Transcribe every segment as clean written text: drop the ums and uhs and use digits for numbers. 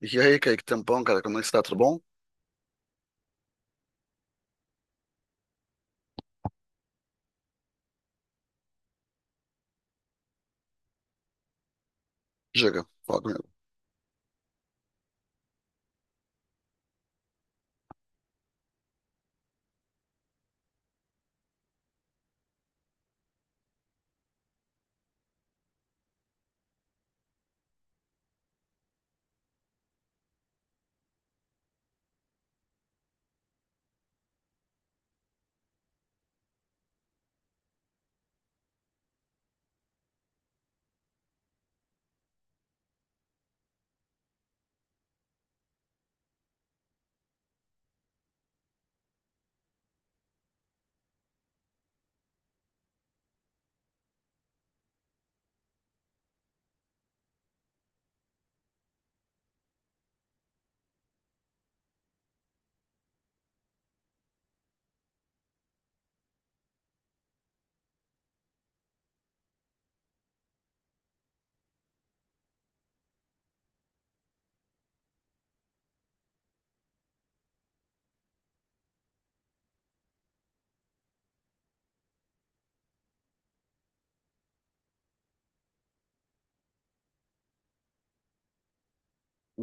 E aí, Kaique, tempão, cara, como é que você tá? Tudo bom? Diga, fala comigo.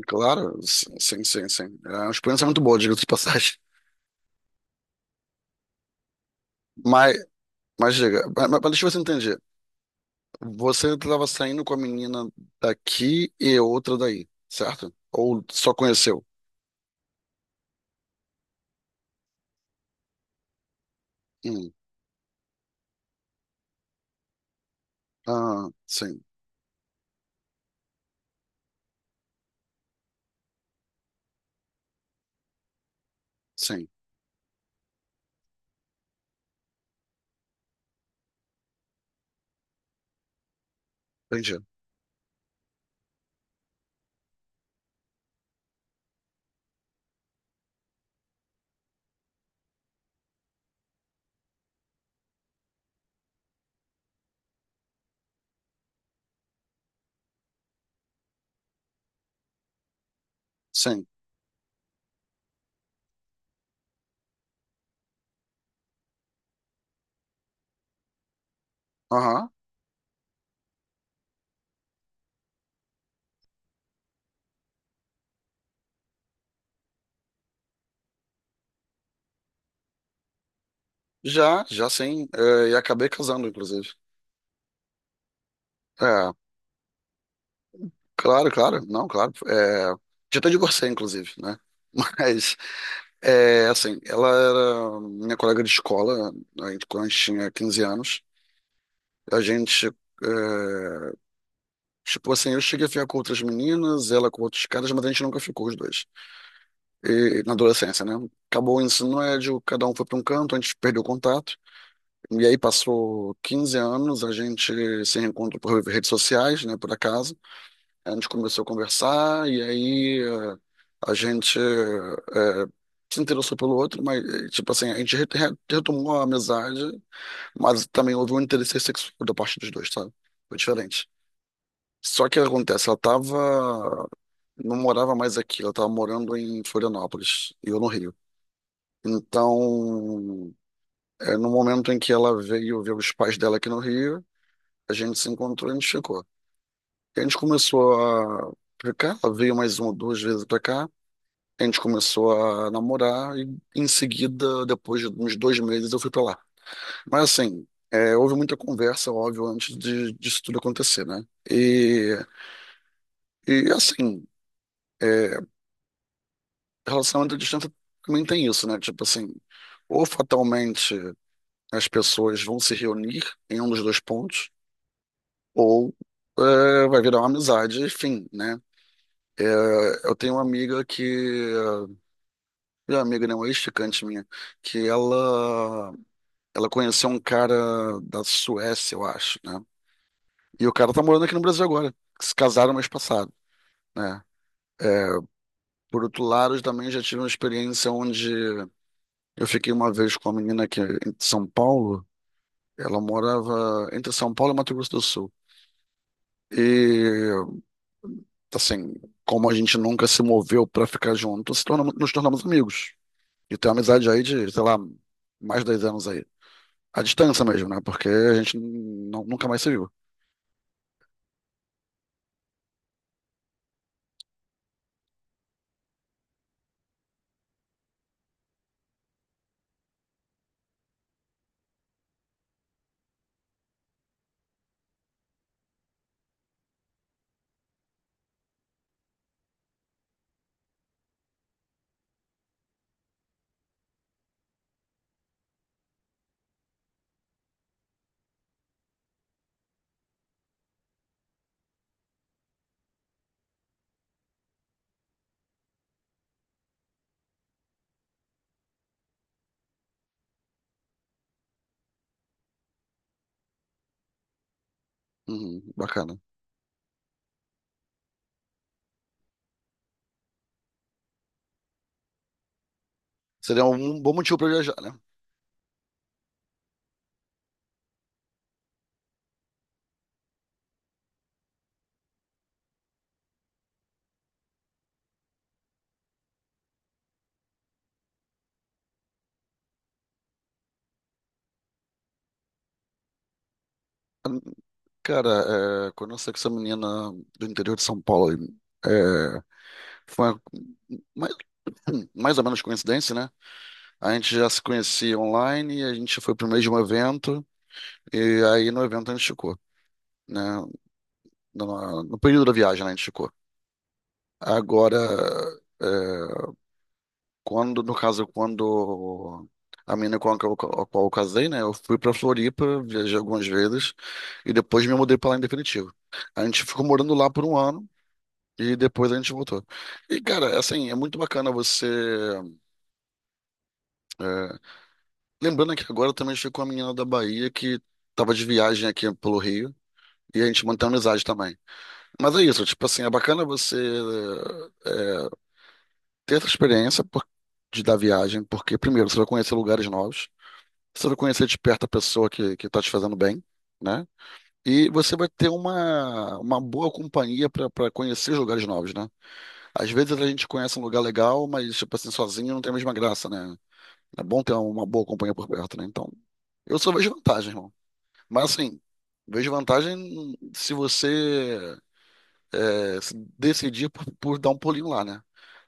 Claro, sim, sim, sim. Sim. É uma experiência é muito boa, diga-se de passagem. Mas, mas diga, mas deixa eu ver se eu entendi. Você estava saindo com a menina daqui e outra daí, certo? Ou só conheceu? Hum. Ah, sim, sim, entendi. Sim, aham. Já, já sim. É, e acabei casando, inclusive. É, claro, claro, não, claro. É, já até divorciei, inclusive, né? Mas. É, assim, ela era minha colega de escola, aí quando a gente tinha 15 anos. A gente, é, tipo assim, eu cheguei a ficar com outras meninas, ela com outros caras, mas a gente nunca ficou os dois. E, na adolescência, né? Acabou o ensino médio, cada um foi para um canto, a gente perdeu o contato. E aí passou 15 anos, a gente se reencontrou por redes sociais, né, por acaso. A gente começou a conversar, e aí é, a gente é, se interessou pelo outro, mas, eh, tipo assim, a gente retomou a amizade. Mas também houve um interesse sexual da parte dos dois, sabe? Foi diferente. Só que o que acontece, ela tava, não morava mais aqui, ela tava morando em Florianópolis e eu no Rio. Então, é, no momento em que ela veio ver os pais dela aqui no Rio, a gente se encontrou e a gente ficou. E a gente começou a ficar, ela veio mais uma ou duas vezes pra cá, a gente começou a namorar e, em seguida, depois de uns 2 meses, eu fui pra lá. Mas assim, é, houve muita conversa, óbvio, antes de, disso tudo acontecer, né? E, e assim, é, relacionamento à distância também tem isso, né? Tipo assim, ou fatalmente as pessoas vão se reunir em um dos dois pontos, ou é, vai virar uma amizade, enfim, né? É, eu tenho uma amiga que, minha amiga, né, uma ex-ficante minha, que ela conheceu um cara da Suécia, eu acho, né? E o cara tá morando aqui no Brasil agora, que se casaram mês passado. Né? É, por outro lado, eu também já tive uma experiência onde eu fiquei uma vez com uma menina que é em São Paulo, ela morava entre São Paulo e Mato Grosso do Sul. E assim, como a gente nunca se moveu pra ficar junto, se tornamos, nos tornamos amigos. E tem uma amizade aí de, sei lá, mais de 10 anos aí. À distância mesmo, né? Porque a gente nunca mais se viu. Uhum, bacana. Seria um bom motivo pra viajar, né? Cara, é, quando eu saí com essa menina do interior de São Paulo, foi mais, mais ou menos coincidência, né? A gente já se conhecia online, a gente foi pro mesmo evento, e aí no evento a gente ficou, né? No período da viagem, né, a gente ficou. Agora, é, quando, no caso, quando a menina com a qual eu casei, né? Eu fui pra Floripa, viajei algumas vezes, e depois me mudei pra lá em definitivo. A gente ficou morando lá por um ano, e depois a gente voltou. E, cara, assim, é muito bacana você é, lembrando que agora eu também estive com uma menina da Bahia que tava de viagem aqui pelo Rio e a gente mantém amizade também. Mas é isso, tipo assim, é bacana você é, ter essa experiência de da viagem, porque primeiro você vai conhecer lugares novos, você vai conhecer de perto a pessoa que tá te fazendo bem, né? E você vai ter uma boa companhia para conhecer lugares novos, né? Às vezes a gente conhece um lugar legal, mas tipo assim, sozinho não tem a mesma graça, né? É bom ter uma boa companhia por perto, né? Então, eu só vejo vantagem, irmão. Mas assim, vejo vantagem se você é, se decidir por dar um pulinho lá, né?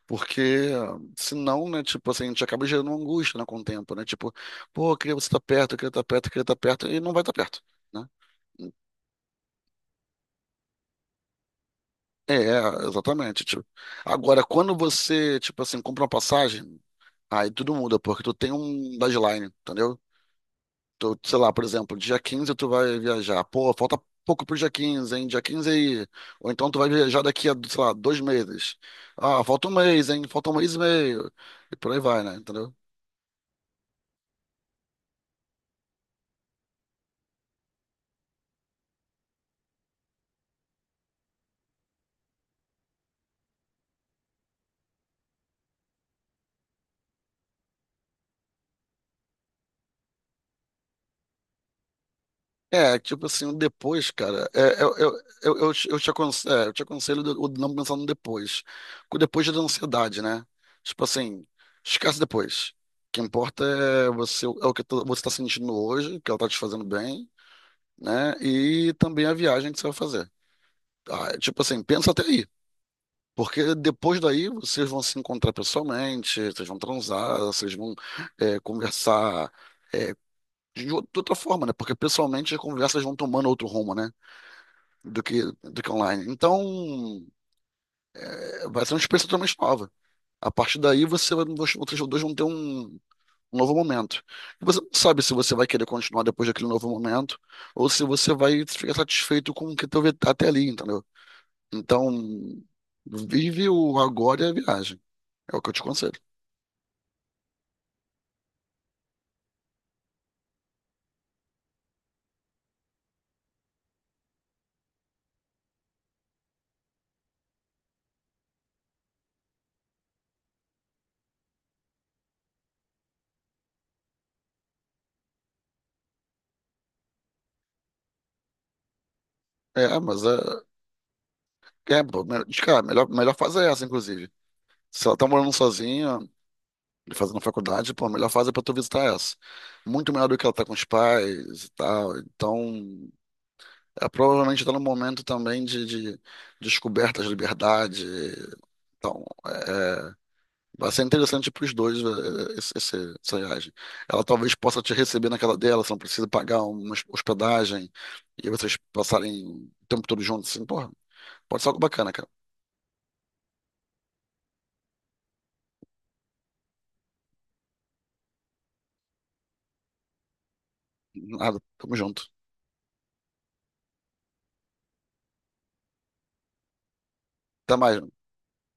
Porque senão, né, tipo assim, a gente acaba gerando uma angústia, né, com o tempo, né? Tipo, pô, eu queria você estar perto, eu queria estar perto, eu queria estar perto, e não vai estar perto, né? É, é, exatamente, tipo. Agora, quando você, tipo assim, compra uma passagem, aí tudo muda, porque tu tem um deadline, entendeu? Tu, sei lá, por exemplo, dia 15 tu vai viajar. Pô, falta pouco pro dia 15, hein? Dia 15 aí. Ou então tu vai viajar daqui a, sei lá, 2 meses. Ah, falta um mês, hein? Falta um mês e meio. E por aí vai, né? Entendeu? É, tipo assim, depois, cara, é, eu te eu te eu te aconselho, de- o de não pensar no depois. Porque o depois já dá ansiedade, né? Tipo assim, esquece depois. O que importa é você, é o que você tá sentindo hoje, que ela tá te fazendo bem, né? E também a viagem que você vai fazer. Ah, é tipo assim, pensa até aí. Porque depois daí vocês vão se encontrar pessoalmente, vocês vão transar, vocês vão é, conversar é, de de outra forma, né? Porque pessoalmente as conversas vão tomando outro rumo, né? Do que online. Então, é, vai ser uma experiência totalmente nova. A partir daí, você, vocês dois vão ter um, um novo momento. E você não sabe se você vai querer continuar depois daquele novo momento, ou se você vai ficar satisfeito com o que teve até ali, entendeu? Então, vive o agora e a viagem. É o que eu te aconselho. É, mas é. É, pô, de cara, melhor, melhor fase é essa, inclusive. Se ela tá morando sozinha e fazendo faculdade, pô, a melhor fase é pra tu visitar essa. Muito melhor do que ela tá com os pais e tal. Então, é, provavelmente tá num momento também de descoberta de liberdade. Então, é, vai ser interessante para os dois, eh, essa viagem. Ela talvez possa te receber na casa dela, você não precisa pagar uma hospedagem e vocês passarem o tempo todo juntos. Assim, porra, pode ser algo bacana, cara. Nada, tamo junto. Até mais.